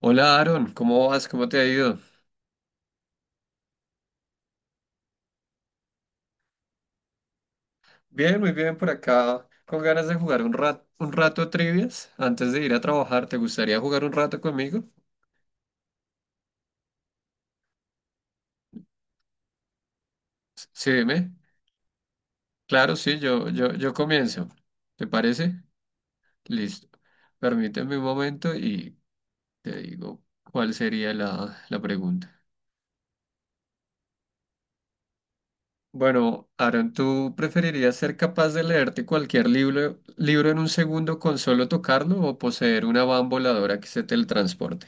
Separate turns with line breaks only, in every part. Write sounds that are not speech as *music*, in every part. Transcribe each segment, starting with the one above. Hola, Aaron, ¿cómo vas? ¿Cómo te ha ido? Bien, muy bien por acá, con ganas de jugar un rato, trivias antes de ir a trabajar. ¿Te gustaría jugar un rato conmigo? Sí, dime. Claro, sí, yo comienzo. ¿Te parece? Listo. Permíteme un momento y te digo cuál sería la pregunta. Bueno, Aaron, ¿tú preferirías ser capaz de leerte cualquier libro en un segundo con solo tocarlo, o poseer una van voladora que se teletransporte?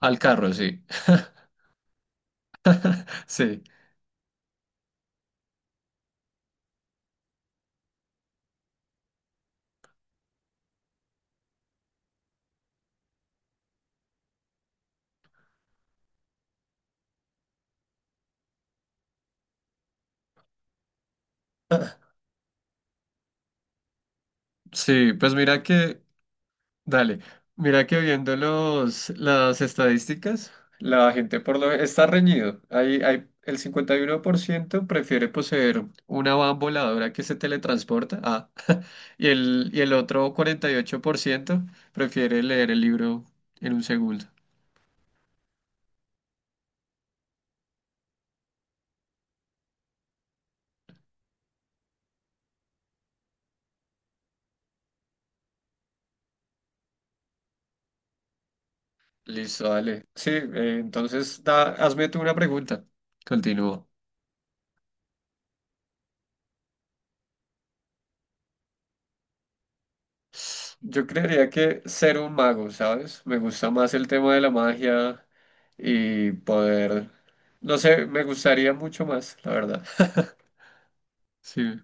Al carro, sí. *laughs* Sí, sí, pues mira que, dale, mira que viendo las estadísticas, la gente por lo está reñido. Hay el 51% prefiere poseer una van voladora que se teletransporta, y el otro 48% prefiere leer el libro en un segundo. Listo, dale. Sí, entonces da, hazme tú una pregunta. Continúo. Yo creería que ser un mago, ¿sabes? Me gusta más el tema de la magia y poder, no sé, me gustaría mucho más, la verdad. *laughs* Sí.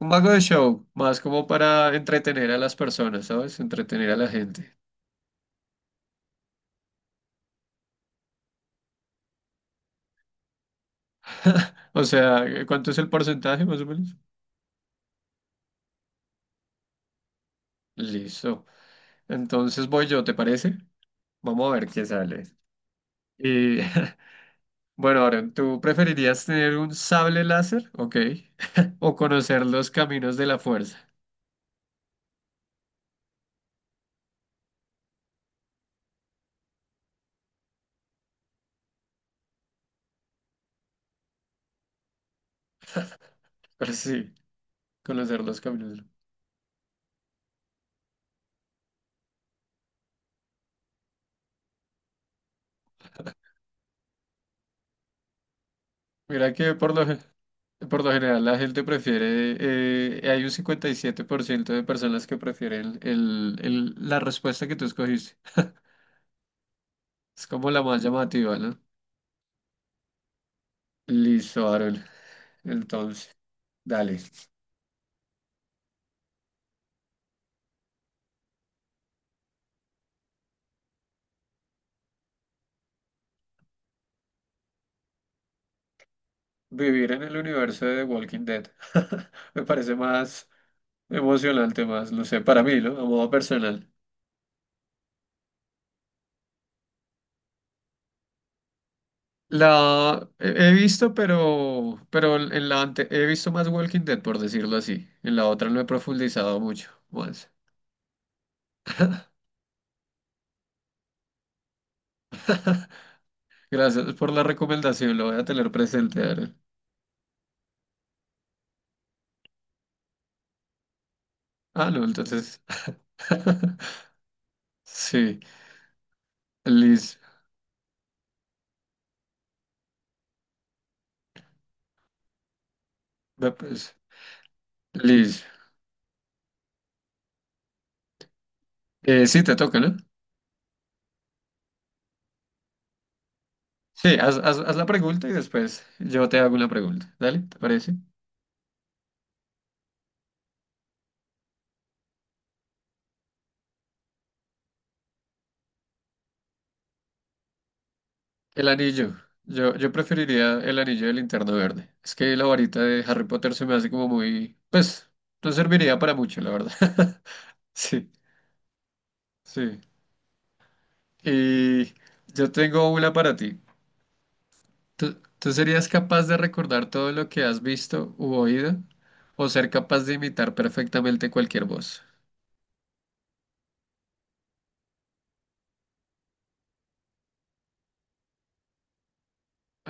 Un mago de show, más como para entretener a las personas, ¿sabes? Entretener a la gente. *laughs* O sea, ¿cuánto es el porcentaje más o menos? Listo. Entonces voy yo, ¿te parece? Vamos a ver qué sale. Y *laughs* bueno, Aaron, ¿tú preferirías tener un sable láser? Ok. *laughs* ¿O conocer los caminos de la fuerza? Pero sí, conocer los caminos de la. Mira que por lo general la gente prefiere, hay un 57% de personas que prefieren la respuesta que tú escogiste. Es como la más llamativa, ¿no? Listo, Aaron. Entonces, dale. Vivir en el universo de The Walking Dead. *laughs* Me parece más emocionante, más, no sé, para mí, ¿no? A modo personal. La he visto, pero, en he visto más Walking Dead, por decirlo así. En la otra no he profundizado mucho más. *laughs* Gracias por la recomendación, lo voy a tener presente, Aaron. Ah, no, entonces. *laughs* Sí, Liz, ve, pues, Liz. Sí, te toca, ¿no? Sí, haz la pregunta y después yo te hago una pregunta. Dale, ¿te parece? El anillo. Yo preferiría el anillo del Linterna Verde. Es que la varita de Harry Potter se me hace como muy... Pues, no serviría para mucho, la verdad. *laughs* Sí, sí. Y yo tengo una para ti. ¿¿Tú serías capaz de recordar todo lo que has visto u oído, o ser capaz de imitar perfectamente cualquier voz?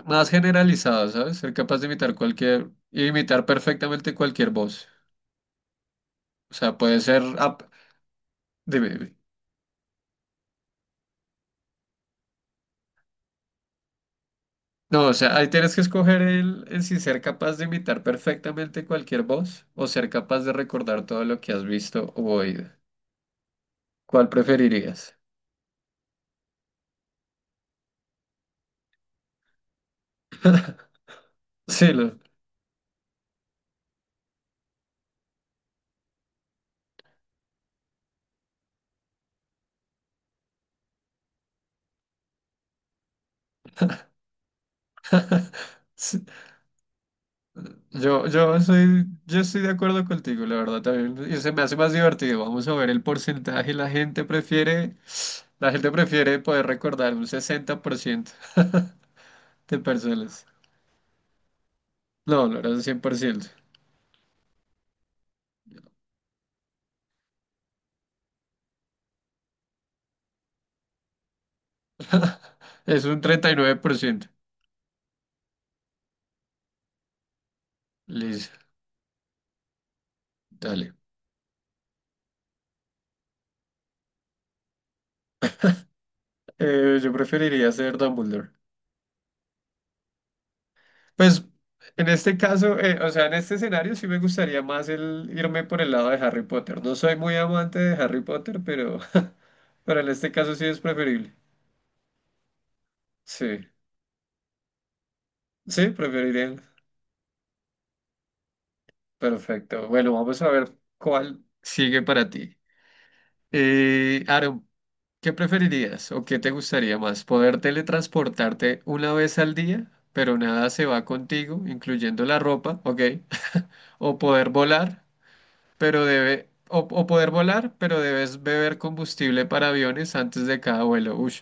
Más generalizado, ¿sabes? Ser capaz de imitar cualquier... Imitar perfectamente cualquier voz. O sea, Dime, dime. No, o sea, ahí tienes que escoger el, si ser capaz de imitar perfectamente cualquier voz o ser capaz de recordar todo lo que has visto o oído. ¿Cuál preferirías? Sí, lo, sí. Yo estoy de acuerdo contigo, la verdad también. Y se me hace más divertido. Vamos a ver el porcentaje. La gente prefiere poder recordar un 60% de personas. No, no era un 100%. Es un 39%. Listo, dale. Yo preferiría ser Dumbledore. Pues en este caso, o sea, en este escenario sí me gustaría más el irme por el lado de Harry Potter. No soy muy amante de Harry Potter, pero *laughs* pero en este caso sí es preferible. Sí, sí, preferiría. Perfecto. Bueno, vamos a ver cuál sigue para ti. Aaron, ¿qué preferirías o qué te gustaría más? ¿Poder teletransportarte una vez al día, pero nada se va contigo, incluyendo la ropa, ok? *laughs* ¿O poder volar? O poder volar, pero debes beber combustible para aviones antes de cada vuelo. Ush,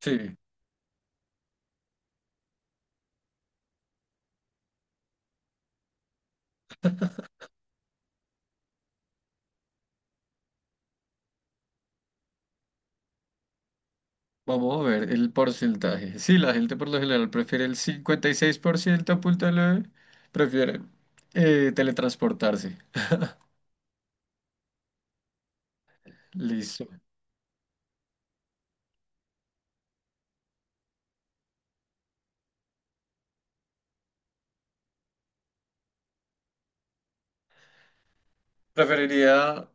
*laughs* sí, vamos a ver el porcentaje. Sí, la gente por lo general prefiere el 56.9, prefiere teletransportarse. Listo. Preferiría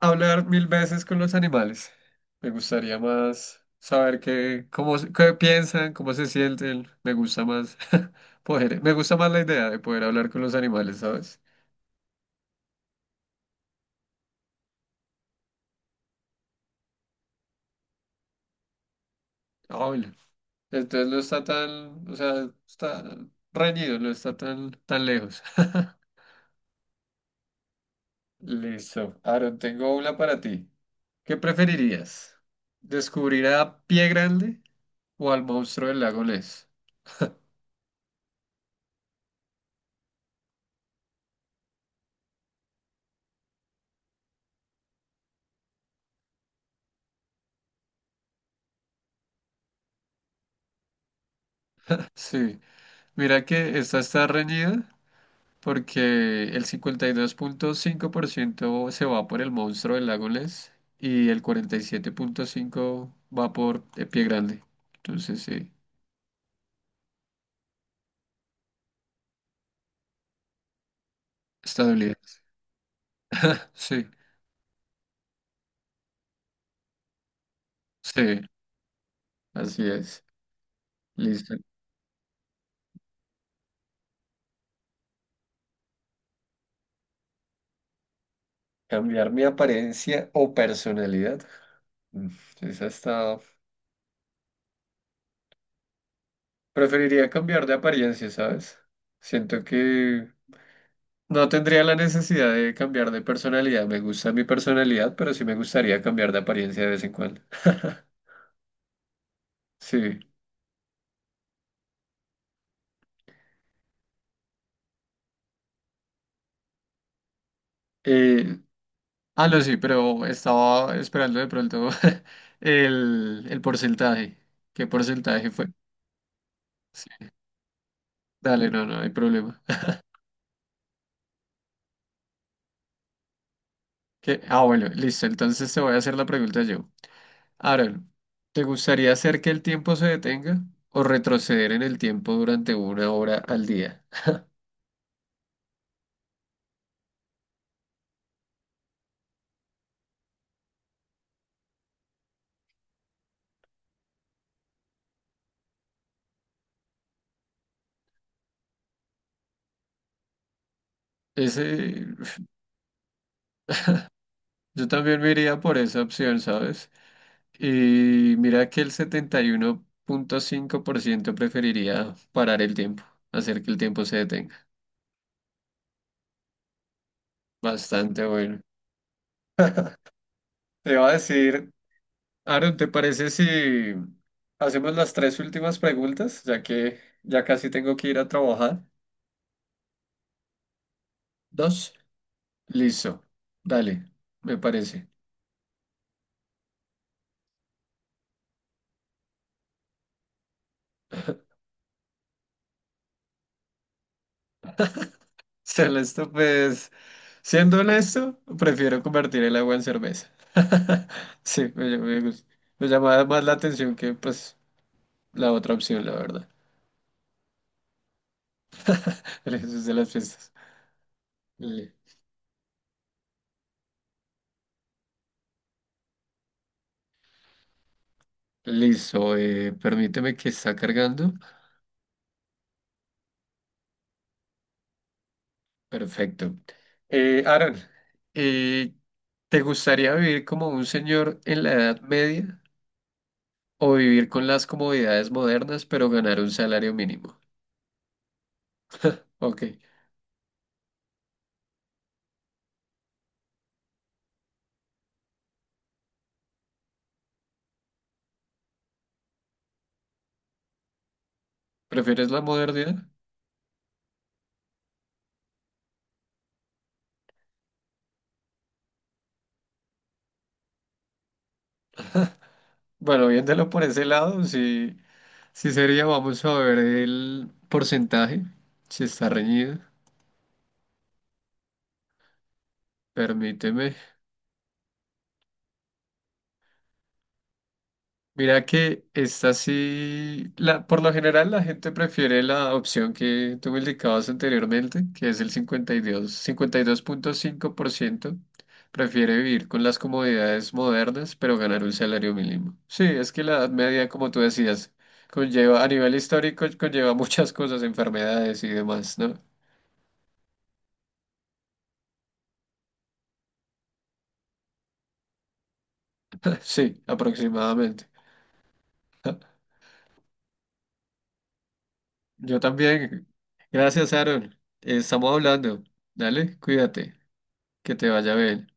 hablar 1000 veces con los animales. Me gustaría más saber qué, qué piensan, cómo se sienten. Me gusta más *laughs* me gusta más la idea de poder hablar con los animales, ¿sabes? Ay, entonces no está tan, o sea, está reñido, no está tan, tan lejos. *laughs* Listo. Aaron, tengo una para ti. ¿Qué preferirías? ¿Descubrir a Pie Grande o al monstruo del lago Ness? *laughs* Sí, mira que esta está reñida porque el 52.5% se va por el monstruo del lago Ness y el 47.5% va por Pie Grande. Entonces sí, está dolido. Sí, sí, así es. Listo. Cambiar mi apariencia o personalidad. Mm, esa está. Preferiría cambiar de apariencia, ¿sabes? Siento que no tendría la necesidad de cambiar de personalidad. Me gusta mi personalidad, pero sí me gustaría cambiar de apariencia de vez en cuando. *laughs* Sí. Eh, ah, no, sí, pero estaba esperando de pronto *laughs* el porcentaje. ¿Qué porcentaje fue? Sí. Dale, no, no hay problema. ¿Qué? Ah, bueno, listo. Entonces te voy a hacer la pregunta yo. Ahora, ¿te gustaría hacer que el tiempo se detenga o retroceder en el tiempo durante una hora al día? Ese, uf, yo también me iría por esa opción, ¿sabes? Y mira que el 71.5% preferiría parar el tiempo, hacer que el tiempo se detenga. Bastante bueno. Te iba a decir, Aaron, ¿te parece si hacemos las tres últimas preguntas, ya que ya casi tengo que ir a trabajar? Dos. Listo. Dale, me parece. Ser pues, siendo honesto, prefiero convertir el agua en cerveza. *laughs* Sí, me gusta. Me llamaba más la atención que, pues, la otra opción, la verdad. *laughs* El Jesús de las fiestas. Li- Listo, permíteme, que está cargando. Perfecto. Aaron, eh, ¿te gustaría vivir como un señor en la Edad Media o vivir con las comodidades modernas pero ganar un salario mínimo? Ok, ¿prefieres la modernidad? Bueno, viéndolo por ese lado, sí, sí sería, vamos a ver el porcentaje, si está reñido. Permíteme. Mira que esta sí, la, por lo general la gente prefiere la opción que tú me indicabas anteriormente, que es el 52.5% prefiere vivir con las comodidades modernas, pero ganar un salario mínimo. Sí, es que la edad media, como tú decías, conlleva, a nivel histórico, conlleva muchas cosas, enfermedades y demás, ¿no? *laughs* Sí, aproximadamente. *laughs* Yo también. Gracias, Aaron. Estamos hablando. Dale, cuídate. Que te vaya bien.